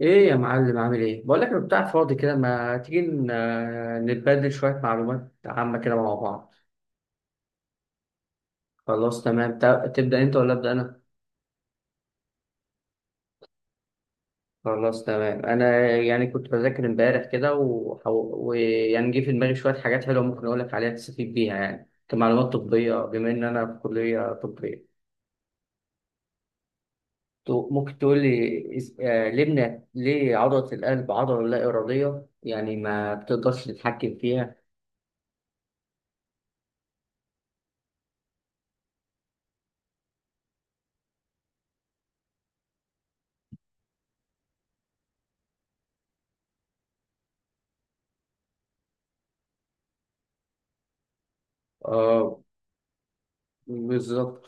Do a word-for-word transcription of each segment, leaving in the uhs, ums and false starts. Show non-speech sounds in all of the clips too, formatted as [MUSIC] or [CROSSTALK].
ايه يا معلم، عامل ايه؟ بقول لك انا بتاع فاضي كده، ما تيجي ن- آه، نتبادل شويه معلومات عامه كده مع بعض. خلاص تمام، تا- تبدا انت ولا ابدا انا؟ خلاص تمام، انا يعني كنت بذاكر امبارح كده وح- ويعني جه في دماغي شويه حاجات حلوه ممكن اقول لك عليها تستفيد بيها، يعني كمعلومات طبيه بما ان انا في كليه طبيه. تو- ممكن تقول لي إز- آه، ليه بن- ليه عضله القلب عضله لا اراديه، يعني ما بتقدرش تتحكم فيها؟ اه، بالظبط.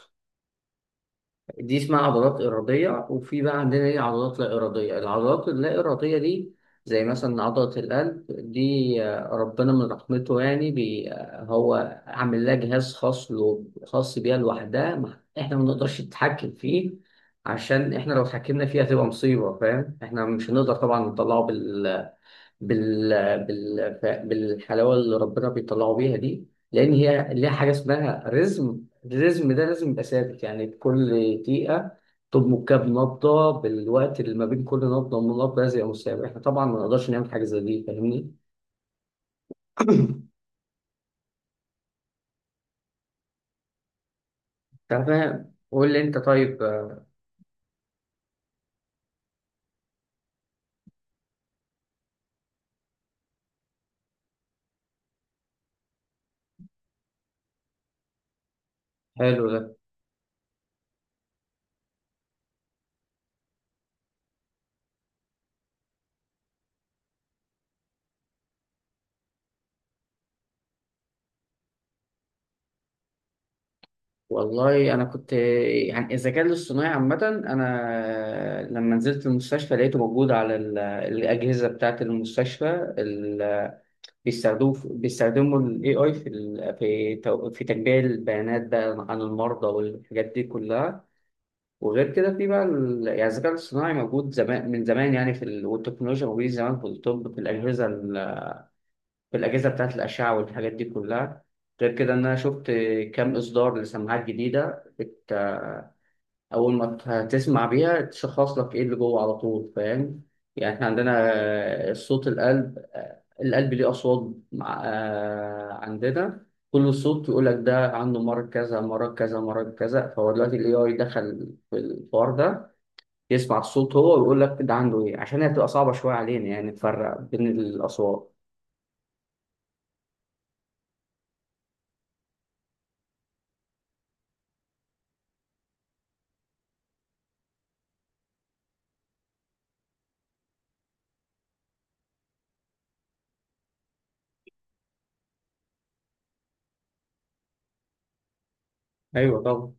دي اسمها عضلات إرادية، وفي بقى عندنا ايه عضلات لا إرادية. العضلات اللا إرادية دي زي مثلا عضلة القلب دي، آه، ربنا من رحمته يعني بي آه، هو عامل لها جهاز خاص له، خاص بيها لوحدها، ما- احنا ما نقدرش نتحكم فيه. عشان احنا لو اتحكمنا فيها هتبقى مصيبة، فاهم؟ احنا مش هنقدر طبعا نطلعه بال... بال... ف- بالحلاوه اللي ربنا بيطلعوا بيها دي. لان هي ليها حاجه اسمها رزم، الرزم ده لازم يبقى ثابت، يعني كل دقيقه تضمن كام نبضه، بالوقت اللي ما بين كل نبضه من نبضه لازم يبقى مستمر. احنا طبعا ما نقدرش نعمل حاجه زي دي، فاهمني؟ [COUGHS] [CLEARS THROAT] تمام، قول لي انت. طيب، آه، حلو ده. والله انا كنت، يعني الذكاء الاصطناعي عامه، انا لما نزلت المستشفى لقيته موجود على ال- الاجهزه بتاعه المستشفى. بيستخدموا بيستخدموا ال إيه آي في ال في تو- في تجميع البيانات بقى عن المرضى والحاجات دي كلها. وغير كده في بقى ال- يعني الذكاء الاصطناعي موجود زمان من زمان، يعني في ال... والتكنولوجيا موجودة زمان في الطب، في الأجهزة ال... في الأجهزة بتاعة الأشعة والحاجات دي كلها. غير كده إن أنا شفت كام إصدار لسماعات جديدة بت... أول ما ت- تسمع بيها تشخص لك إيه اللي جوه على طول، فاهم؟ يعني إحنا عندنا صوت القلب، القلب ليه أصوات، مع- آه، عندنا كل صوت يقول لك ده عنده مرض كذا، مرض كذا، مرض كذا. فهو دلوقتي ال إيه آي دخل في الحوار ده، يسمع الصوت هو ويقول لك ده عنده إيه، عشان هي بتبقى صعبة شوية علينا يعني نفرق بين الأصوات. أيوه طبعا.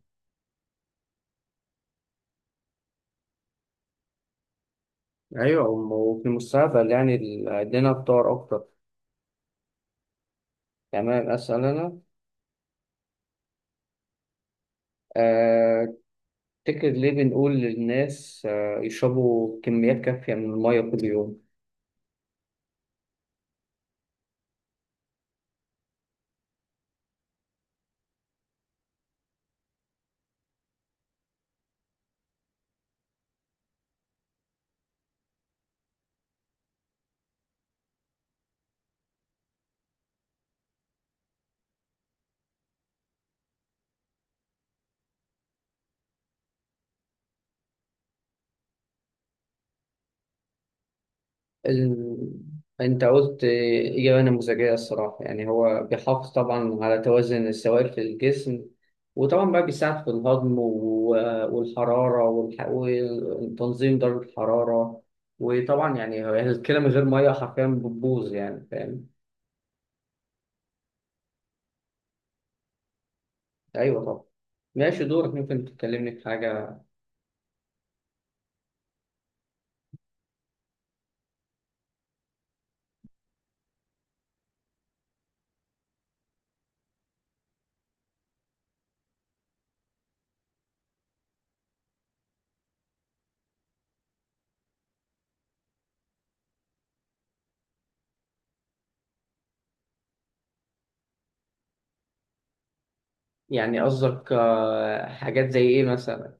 أيوه، وم- وفي المستقبل يعني ال- الدنيا تطور أكتر. تمام، أسأل. أنا تفتكر ليه بنقول للناس آه، يشربوا كميات كافية من المية كل يوم؟ ال... أنت قلت إجابة نموذجية الصراحة، يعني هو بيحافظ طبعا على توازن السوائل في الجسم، وطبعا بقى بيساعد في الهضم و... والحرارة والح... وتنظيم درجة الحرارة، وطبعا يعني هو الكلى من غير مية حرفيا بتبوظ، يعني فاهم؟ أيوه طبعا. ماشي، دورك، ممكن تكلمني في حاجة. يعني قصدك آه، حاجات زي إيه مثلا؟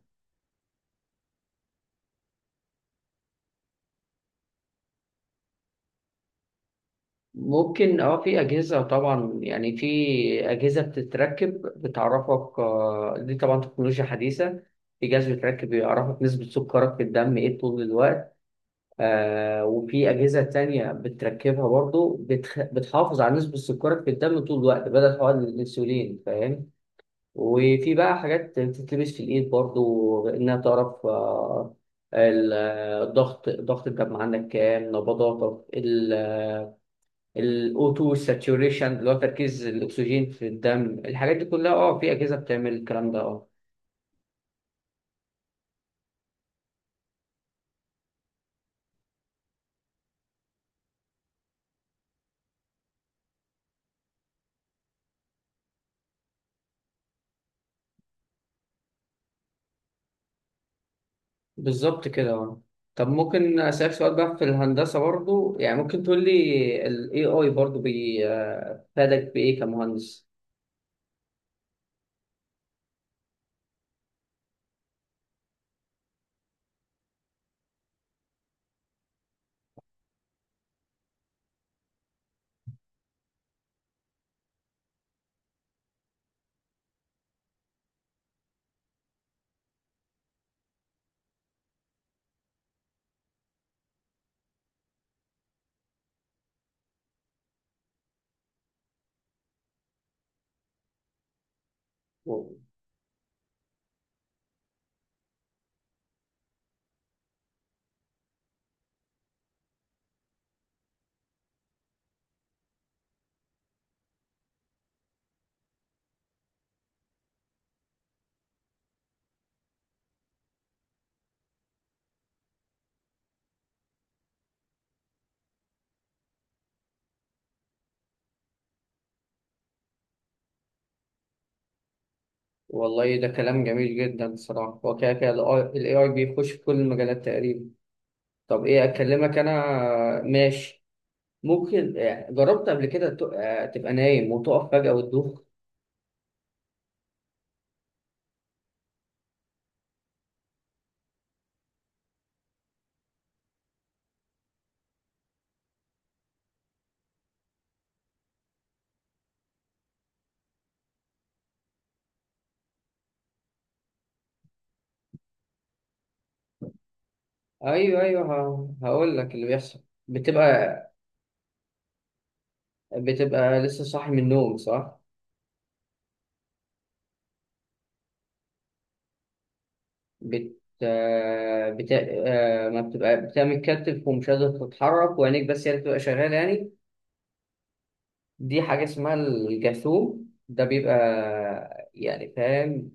ممكن، اه، في أجهزة طبعا، يعني في أجهزة بتتركب بتعرفك، آه، دي طبعا تكنولوجيا حديثة. في جهاز بيتركب بيعرفك نسبة سكرك في الدم ايه طول الوقت. آه، وفي أجهزة تانية بتركبها برضو بتخ... بتحافظ على نسبة سكرك في الدم طول الوقت بدل حقن الأنسولين، فاهم؟ وفي بقى حاجات بتتلبس في الإيد برضو إنها تعرف آه، ال- آه، الضغط ضغط الدم عندك، كام نبضاتك، الاوتو ساتوريشن اللي هو تركيز الاكسجين في الدم. الحاجات دي كلها، اه، في اجهزه بتعمل الكلام ده، اه. بالظبط كده، اه. طب ممكن اسالك سؤال بقى في الهندسه برضو، يعني ممكن تقول لي الاي اي برضو بي- آه، فادك بايه كمهندس؟ و- والله ده كلام جميل جدا الصراحه. هو كده كده الاي اي بيخش في كل المجالات تقريبا. طب ايه اكلمك انا؟ ماشي. ممكن، آه، جربت قبل كده ت- آه، تبقى نايم وتقف فجاه وتدوخ؟ ايوه ايوه، هقول لك اللي بيحصل. بتبقى، بتبقى لسه صاحي من النوم، صح؟ بت آه، بت آه، ما بتبقى بتبقى متكتف ومش قادر تتحرك، وعينيك بس هي اللي بتبقى شغاله يعني. دي حاجه اسمها الجاثوم، ده بيبقى يعني، فاهم،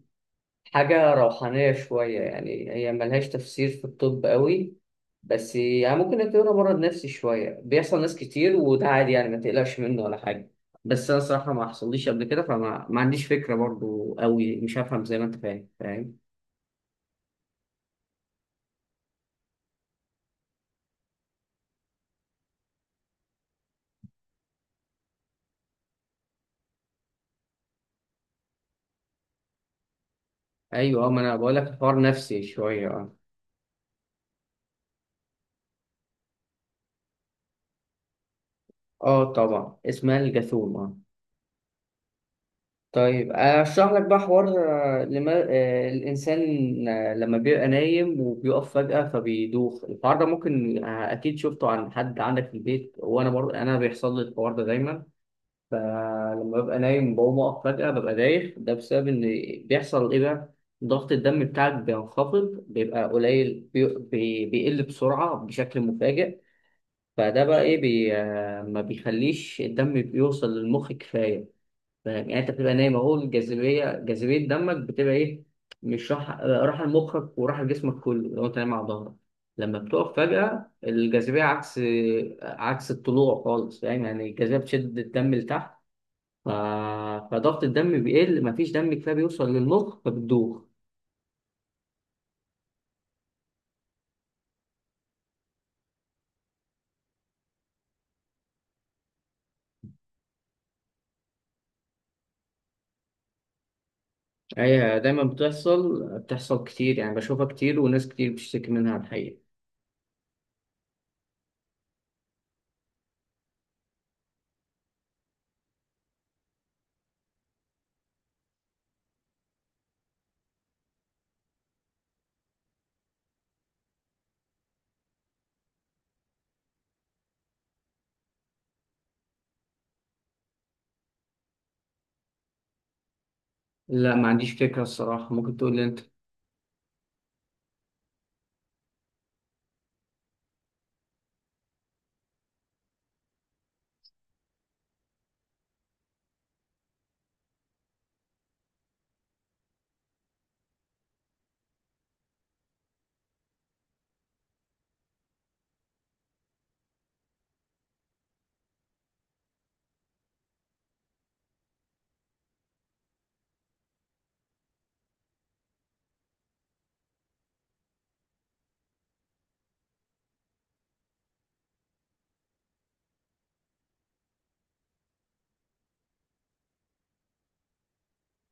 حاجة روحانية شوية، يعني هي ملهاش تفسير في الطب قوي، بس يعني ممكن نعتبرها مرض نفسي شوية. بيحصل ناس كتير وده عادي يعني، ما تقلقش منه ولا حاجة. بس أنا صراحة ما حصليش قبل كده، فما ما عنديش فكرة برضو قوي، مش هفهم زي ما أنت فاهم فاهم. أيوة، أه، ما أنا بقول لك، حوار نفسي شوية، أه. أه طبعا، اسمها الجاثوم. طيب اشرح لك بقى حوار، آه، لما آه، الانسان، آه، لما بيبقى نايم وبيقف فجأة فبيدوخ، الحوار ده ممكن آه، اكيد شفته عن حد عندك في البيت، وانا برضه انا بيحصل لي الحوار ده دايما. فلما ببقى نايم بقوم اقف فجأة ببقى دايخ، ده بسبب ان، بيحصل ايه بقى، ضغط الدم بتاعك بينخفض بيبقى قليل، بي... بي... بيقل بسرعة بشكل مفاجئ. فده بقى ايه، بي... آه، ما بيخليش الدم بيوصل للمخ كفاية. فاهم؟ يعني انت بتبقى نايم اهو، الجاذبيه، جاذبيه دمك بتبقى ايه، مش راح راح لمخك وراح لجسمك كله لو انت نايم على ظهرك. لما بتقف فجاه الجاذبيه عكس، عكس الطلوع خالص، فاهم؟ يعني الجاذبيه بتشد الدم لتحت. ف... فضغط الدم بيقل، مفيش دم كفايه بيوصل للمخ فبتدوخ. هي دايما بتحصل، بتحصل كتير يعني، بشوفها كتير وناس كتير بتشتكي منها الحقيقه. لا، ما عنديش فكره الصراحه، ممكن تقول لي انت.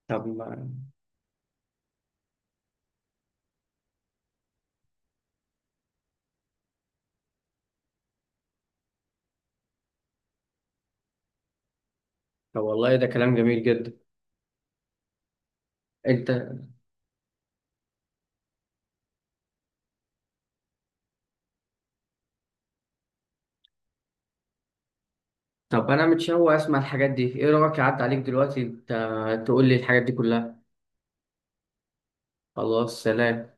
طب ما- طب والله ده كلام جميل جدا. انت، طب انا متشوق اسمع الحاجات دي، ايه رايك اعدي عليك دلوقتي انت تقول لي الحاجات دي كلها. خلاص، سلام.